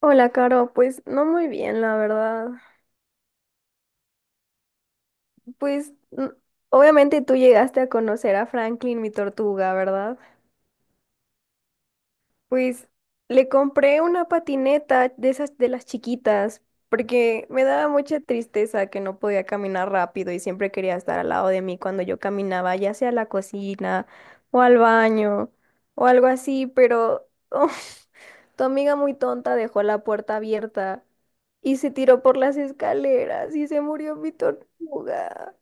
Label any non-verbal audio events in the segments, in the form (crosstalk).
Hola, Caro, pues no muy bien, la verdad. Pues n- Obviamente tú llegaste a conocer a Franklin, mi tortuga, ¿verdad? Pues le compré una patineta de esas de las chiquitas, porque me daba mucha tristeza que no podía caminar rápido y siempre quería estar al lado de mí cuando yo caminaba, ya sea a la cocina o al baño o algo así, pero (laughs) Tu amiga muy tonta dejó la puerta abierta y se tiró por las escaleras y se murió mi tortuga.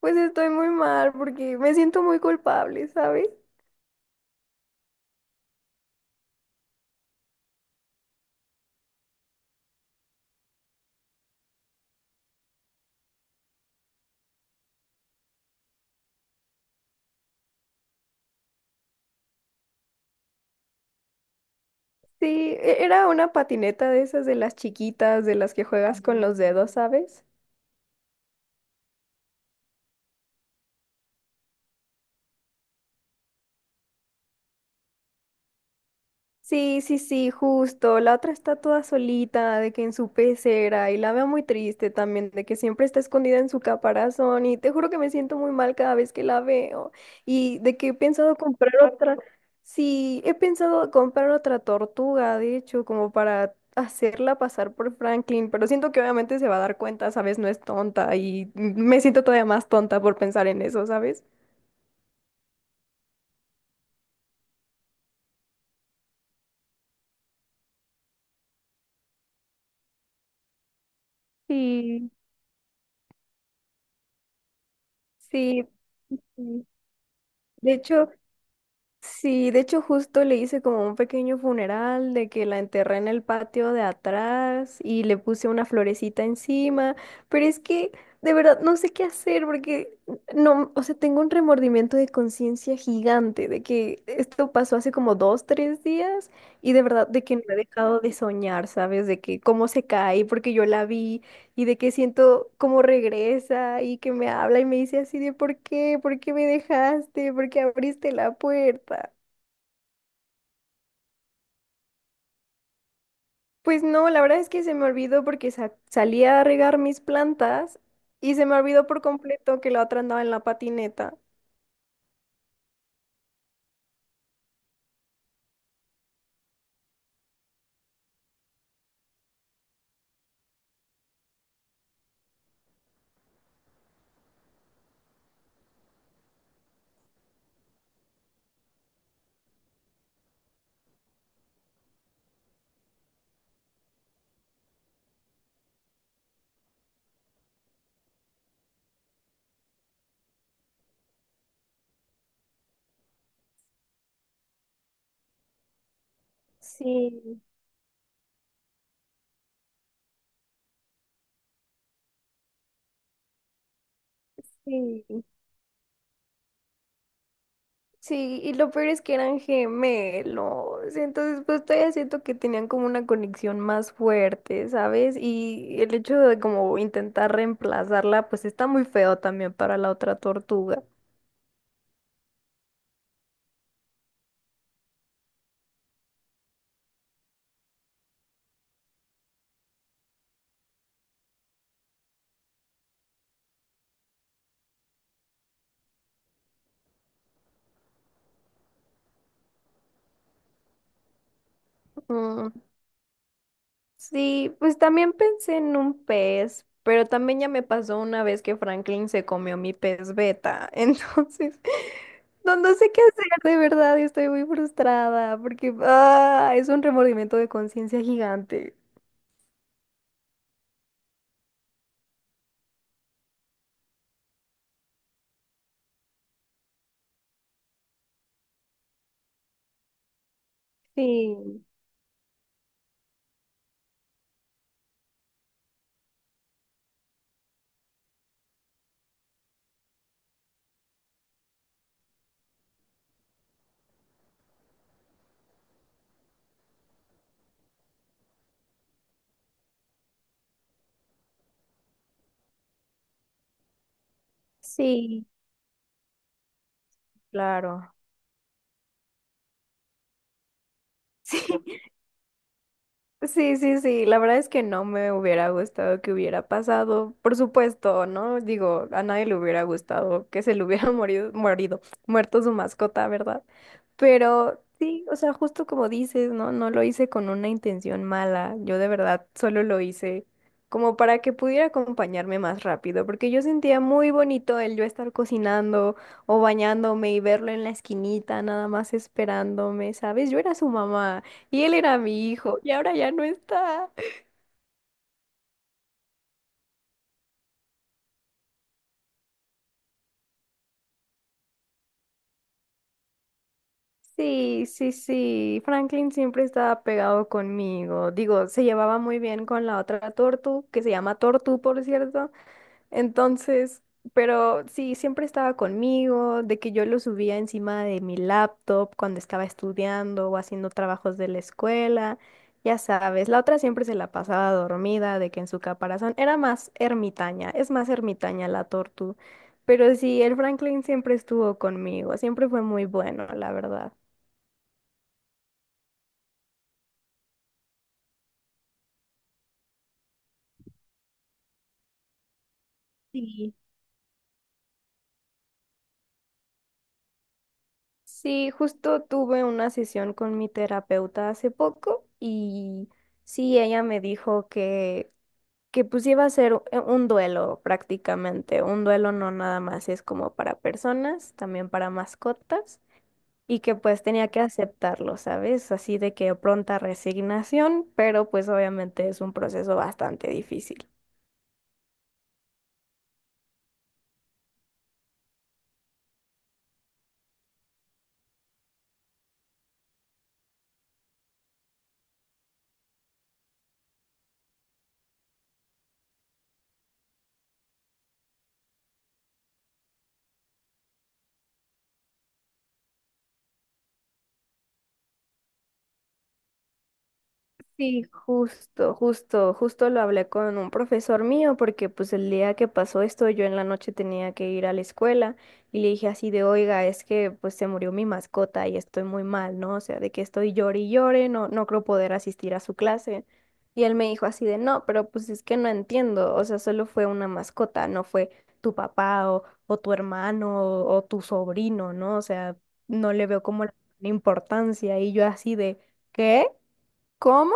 Pues estoy muy mal porque me siento muy culpable, ¿sabes? Sí, era una patineta de esas de las chiquitas, de las que juegas con los dedos, ¿sabes? Sí, sí, sí, justo. La otra está toda solita, de que en su pecera, y la veo muy triste también, de que siempre está escondida en su caparazón, y te juro que me siento muy mal cada vez que la veo, y de que he pensado comprar otra, sí, he pensado comprar otra tortuga, de hecho, como para hacerla pasar por Franklin, pero siento que obviamente se va a dar cuenta, ¿sabes? No es tonta, y me siento todavía más tonta por pensar en eso, ¿sabes? Sí, sí. Sí. De hecho... Sí, de hecho justo le hice como un pequeño funeral de que la enterré en el patio de atrás y le puse una florecita encima, pero es que de verdad no sé qué hacer porque no, o sea, tengo un remordimiento de conciencia gigante de que esto pasó hace como dos, tres días y de verdad de que no he dejado de soñar, ¿sabes? De que cómo se cae porque yo la vi y de que siento como regresa y que me habla y me dice así de ¿por qué? ¿Por qué me dejaste? ¿Por qué abriste la puerta? Pues no, la verdad es que se me olvidó porque salí a regar mis plantas y se me olvidó por completo que la otra andaba en la patineta. Sí, sí. Sí, y lo peor es que eran gemelos, entonces pues todavía siento que tenían como una conexión más fuerte, ¿sabes? Y el hecho de como intentar reemplazarla, pues está muy feo también para la otra tortuga. Mm, sí, pues también pensé en un pez, pero también ya me pasó una vez que Franklin se comió mi pez beta, (laughs) entonces no, no sé qué hacer, de verdad, y estoy muy frustrada porque es un remordimiento de conciencia gigante. Sí. Sí, claro. (laughs) Sí, sí, sí, sí, la verdad es que no me hubiera gustado que hubiera pasado, por supuesto, ¿no? Digo, a nadie le hubiera gustado que se le hubiera (laughs) muerto su mascota, ¿verdad? Pero sí, o sea, justo como dices, ¿no? No lo hice con una intención mala, yo de verdad solo lo hice como para que pudiera acompañarme más rápido, porque yo sentía muy bonito el yo estar cocinando o bañándome y verlo en la esquinita, nada más esperándome, ¿sabes? Yo era su mamá. Y él era mi hijo y ahora ya no está. Sí, sí, sí. Franklin siempre estaba pegado conmigo. Digo, se llevaba muy bien con la otra tortu, que se llama Tortu, por cierto. Entonces, pero sí, siempre estaba conmigo, de que yo lo subía encima de mi laptop cuando estaba estudiando o haciendo trabajos de la escuela, ya sabes, la otra siempre se la pasaba dormida, de que en su caparazón era más ermitaña, es más ermitaña la tortu, pero sí, el Franklin siempre estuvo conmigo, siempre fue muy bueno, la verdad. Sí. Sí, justo tuve una sesión con mi terapeuta hace poco y sí, ella me dijo que pues iba a ser un duelo prácticamente, un duelo no nada más es como para personas, también para mascotas, y que pues tenía que aceptarlo, ¿sabes? Así de que pronta resignación, pero pues obviamente es un proceso bastante difícil. Y justo lo hablé con un profesor mío porque pues el día que pasó esto yo en la noche tenía que ir a la escuela y le dije así de, oiga, es que pues se murió mi mascota y estoy muy mal, ¿no? O sea, de que estoy llore y llore, no, no creo poder asistir a su clase. Y él me dijo así de, no, pero pues es que no entiendo, o sea, solo fue una mascota, no fue tu papá o tu hermano o tu sobrino, ¿no? O sea, no le veo como la importancia y yo así de, ¿qué? ¿Cómo?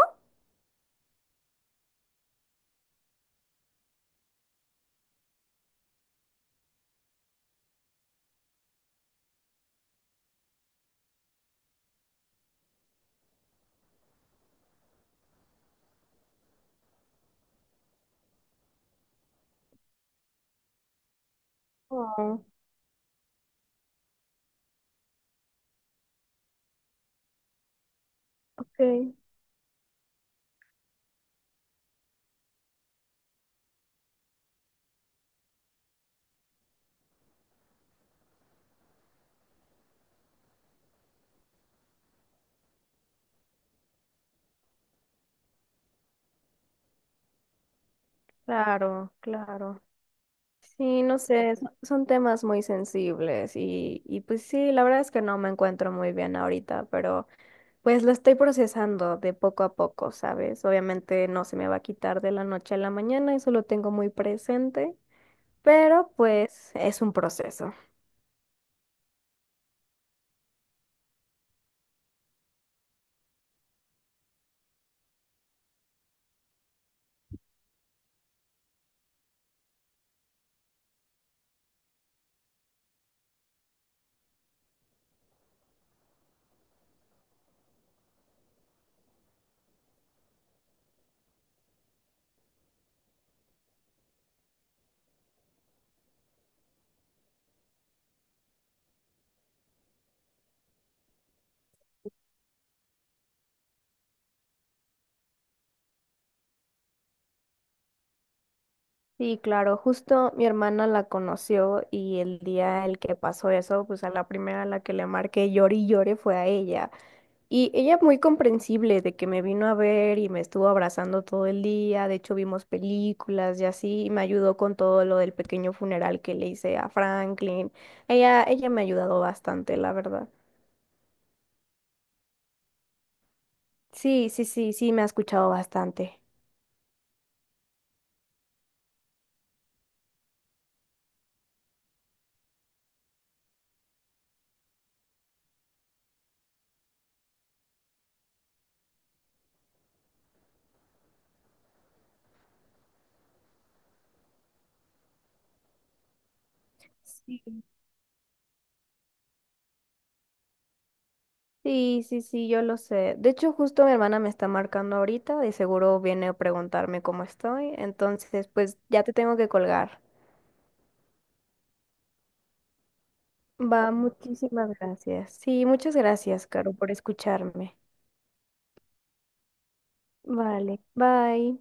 Oh, ok, claro, claro. Sí, no sé, son temas muy sensibles y pues sí, la verdad es que no me encuentro muy bien ahorita, pero pues lo estoy procesando de poco a poco, ¿sabes? Obviamente no se me va a quitar de la noche a la mañana, eso lo tengo muy presente, pero pues es un proceso. Sí, claro, justo mi hermana la conoció y el día el que pasó eso, pues a la primera a la que le marqué lloré y lloré fue a ella. Y ella muy comprensible de que me vino a ver y me estuvo abrazando todo el día, de hecho vimos películas y así, y me ayudó con todo lo del pequeño funeral que le hice a Franklin. Ella me ha ayudado bastante, la verdad. Sí, sí, sí, sí, me ha escuchado bastante. Sí. Sí, sí, sí, yo lo sé. De hecho, justo mi hermana me está marcando ahorita, de seguro viene a preguntarme cómo estoy, entonces pues ya te tengo que colgar. Va, muchísimas gracias. Sí, muchas gracias, Caro, por escucharme. Vale, bye.